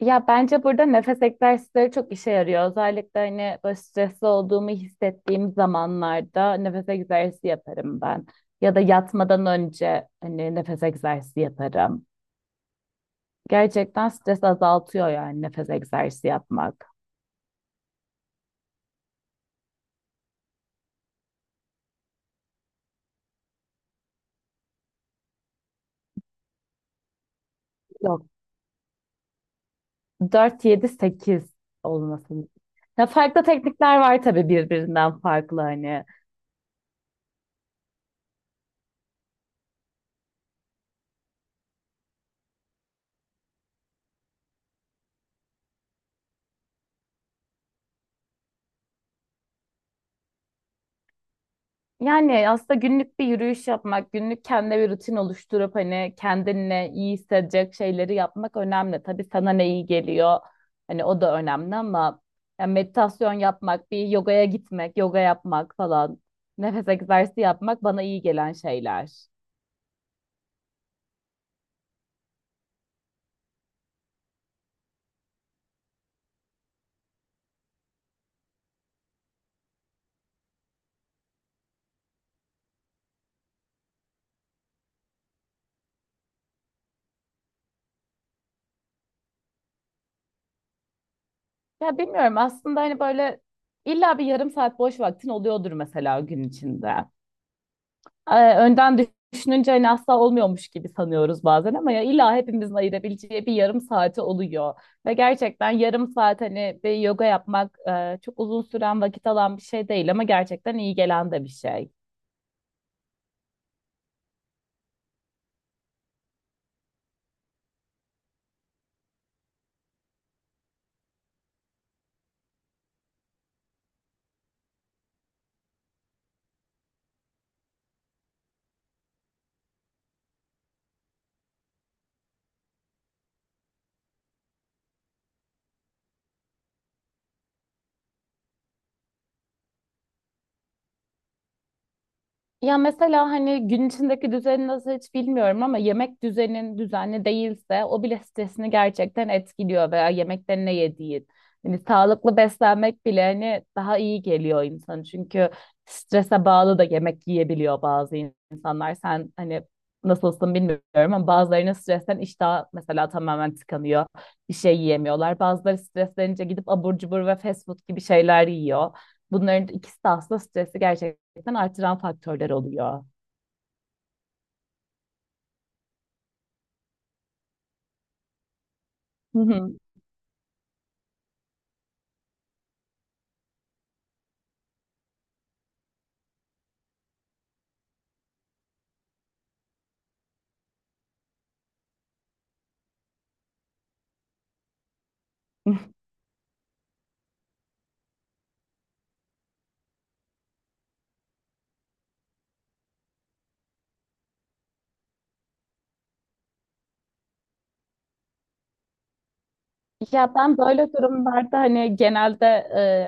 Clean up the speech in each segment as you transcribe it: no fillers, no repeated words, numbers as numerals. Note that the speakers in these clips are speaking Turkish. Ya bence burada nefes egzersizleri çok işe yarıyor. Özellikle hani böyle stresli olduğumu hissettiğim zamanlarda nefes egzersizi yaparım ben. Ya da yatmadan önce hani nefes egzersizi yaparım. Gerçekten stres azaltıyor yani nefes egzersizi yapmak. Yok. Dört yedi sekiz olmasın. Ya farklı teknikler var tabii birbirinden farklı hani. Yani aslında günlük bir yürüyüş yapmak, günlük kendine bir rutin oluşturup hani kendinle iyi hissedecek şeyleri yapmak önemli. Tabii sana ne iyi geliyor, hani o da önemli ama yani meditasyon yapmak, bir yogaya gitmek, yoga yapmak falan, nefes egzersizi yapmak bana iyi gelen şeyler. Ya bilmiyorum aslında hani böyle illa bir yarım saat boş vaktin oluyordur mesela gün içinde. Önden düşününce hani asla olmuyormuş gibi sanıyoruz bazen ama ya illa hepimizin ayırabileceği bir yarım saati oluyor. Ve gerçekten yarım saat hani bir yoga yapmak çok uzun süren vakit alan bir şey değil ama gerçekten iyi gelen de bir şey. Ya mesela hani gün içindeki düzeni nasıl hiç bilmiyorum ama yemek düzenin düzenli değilse o bile stresini gerçekten etkiliyor veya yemekten ne yediğin. Hani sağlıklı beslenmek bile hani daha iyi geliyor insan. Çünkü strese bağlı da yemek yiyebiliyor bazı insanlar. Sen hani nasılsın bilmiyorum ama bazılarının stresten iştah mesela tamamen tıkanıyor. Bir şey yiyemiyorlar. Bazıları streslenince gidip abur cubur ve fast food gibi şeyler yiyor. Bunların ikisi de aslında stresi gerçekten artıran faktörler oluyor. Hı hı. Ya ben böyle durumlarda hani genelde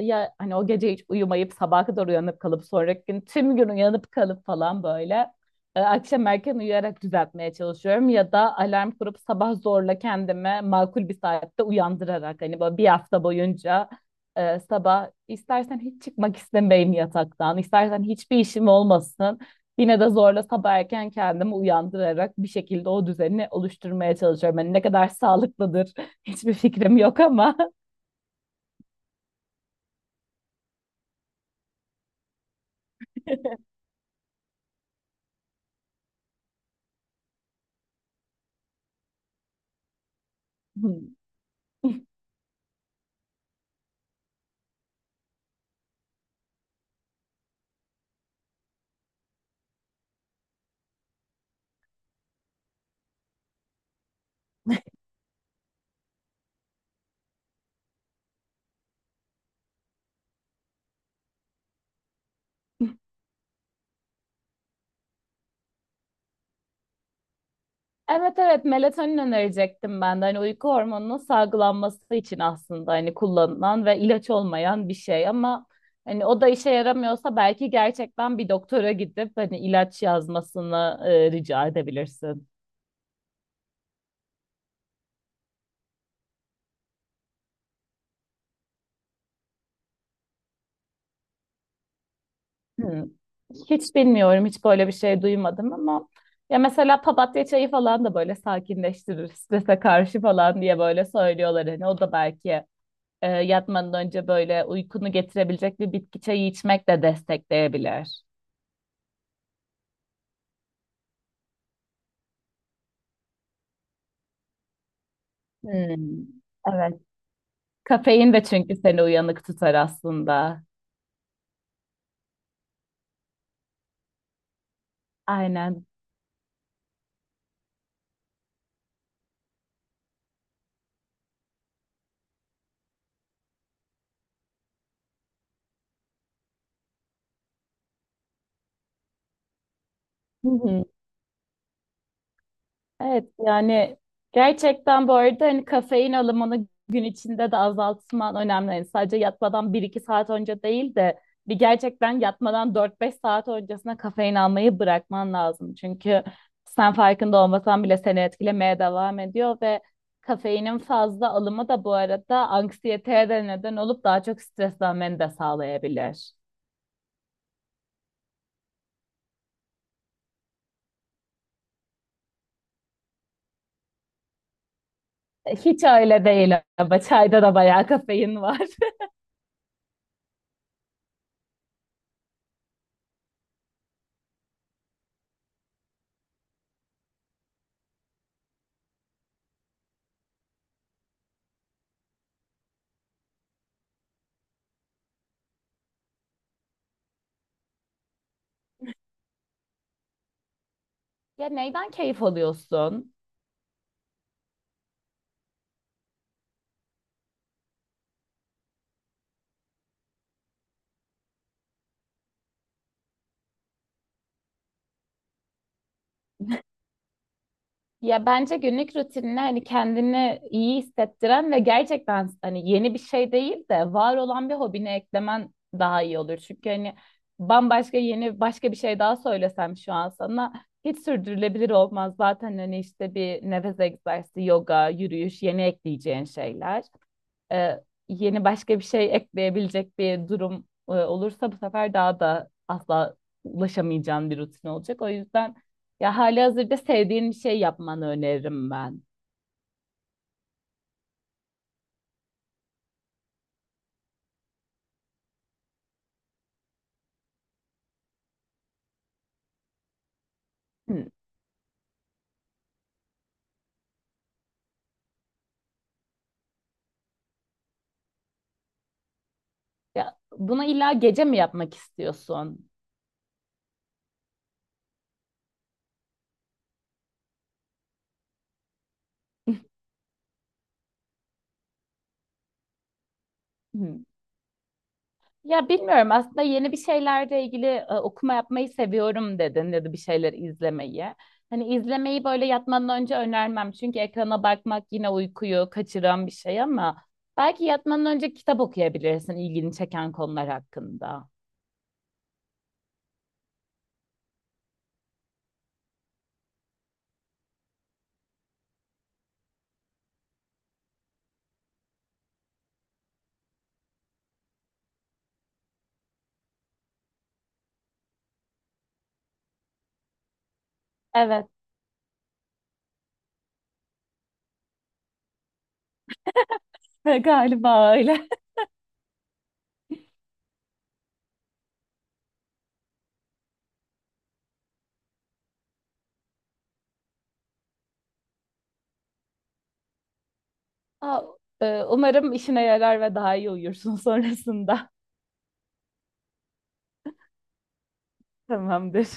ya hani o gece hiç uyumayıp sabaha kadar uyanıp kalıp sonraki gün tüm gün uyanıp kalıp falan böyle akşam erken uyuyarak düzeltmeye çalışıyorum ya da alarm kurup sabah zorla kendimi makul bir saatte uyandırarak hani böyle bir hafta boyunca sabah istersen hiç çıkmak istemeyim yataktan istersen hiçbir işim olmasın. Yine de zorla sabah erken kendimi uyandırarak bir şekilde o düzeni oluşturmaya çalışıyorum. Yani ne kadar sağlıklıdır, hiçbir fikrim yok ama. Hmm. Evet, evet, melatonin önerecektim ben de. Hani uyku hormonunun salgılanması için aslında hani kullanılan ve ilaç olmayan bir şey ama hani o da işe yaramıyorsa belki gerçekten bir doktora gidip hani ilaç yazmasını rica edebilirsin. Hmm. Hiç bilmiyorum, hiç böyle bir şey duymadım ama ya mesela papatya çayı falan da böyle sakinleştirir, strese karşı falan diye böyle söylüyorlar hani o da belki yatmadan önce böyle uykunu getirebilecek bir bitki çayı içmek de destekleyebilir. Hmm, evet. Kafein de çünkü seni uyanık tutar aslında. Aynen. Hı hı. Evet yani gerçekten bu arada hani kafein alımını gün içinde de azaltman önemli. Yani sadece yatmadan bir iki saat önce değil de bir gerçekten yatmadan dört beş saat öncesine kafein almayı bırakman lazım. Çünkü sen farkında olmasan bile seni etkilemeye devam ediyor ve kafeinin fazla alımı da bu arada anksiyeteye de neden olup daha çok streslenmeni de sağlayabilir. Hiç öyle değil ama çayda da bayağı kafein var. Ya neyden keyif alıyorsun? Ya bence günlük rutinine hani kendini iyi hissettiren ve gerçekten hani yeni bir şey değil de var olan bir hobine eklemen daha iyi olur. Çünkü hani bambaşka yeni başka bir şey daha söylesem şu an sana hiç sürdürülebilir olmaz. Zaten hani işte bir nefes egzersizi, yoga, yürüyüş, yeni ekleyeceğin şeyler yeni başka bir şey ekleyebilecek bir durum olursa bu sefer daha da asla ulaşamayacağın bir rutin olacak. O yüzden ya halihazırda sevdiğin bir şey yapmanı öneririm ben. Hı. Ya, bunu illa gece mi yapmak istiyorsun? Hı. Ya bilmiyorum aslında yeni bir şeylerle ilgili okuma yapmayı seviyorum dedin ya da bir şeyler izlemeyi. Hani izlemeyi böyle yatmadan önce önermem çünkü ekrana bakmak yine uykuyu kaçıran bir şey ama belki yatmadan önce kitap okuyabilirsin ilgini çeken konular hakkında. Evet, galiba öyle. Aa, umarım işine yarar ve daha iyi uyursun sonrasında. Tamamdır.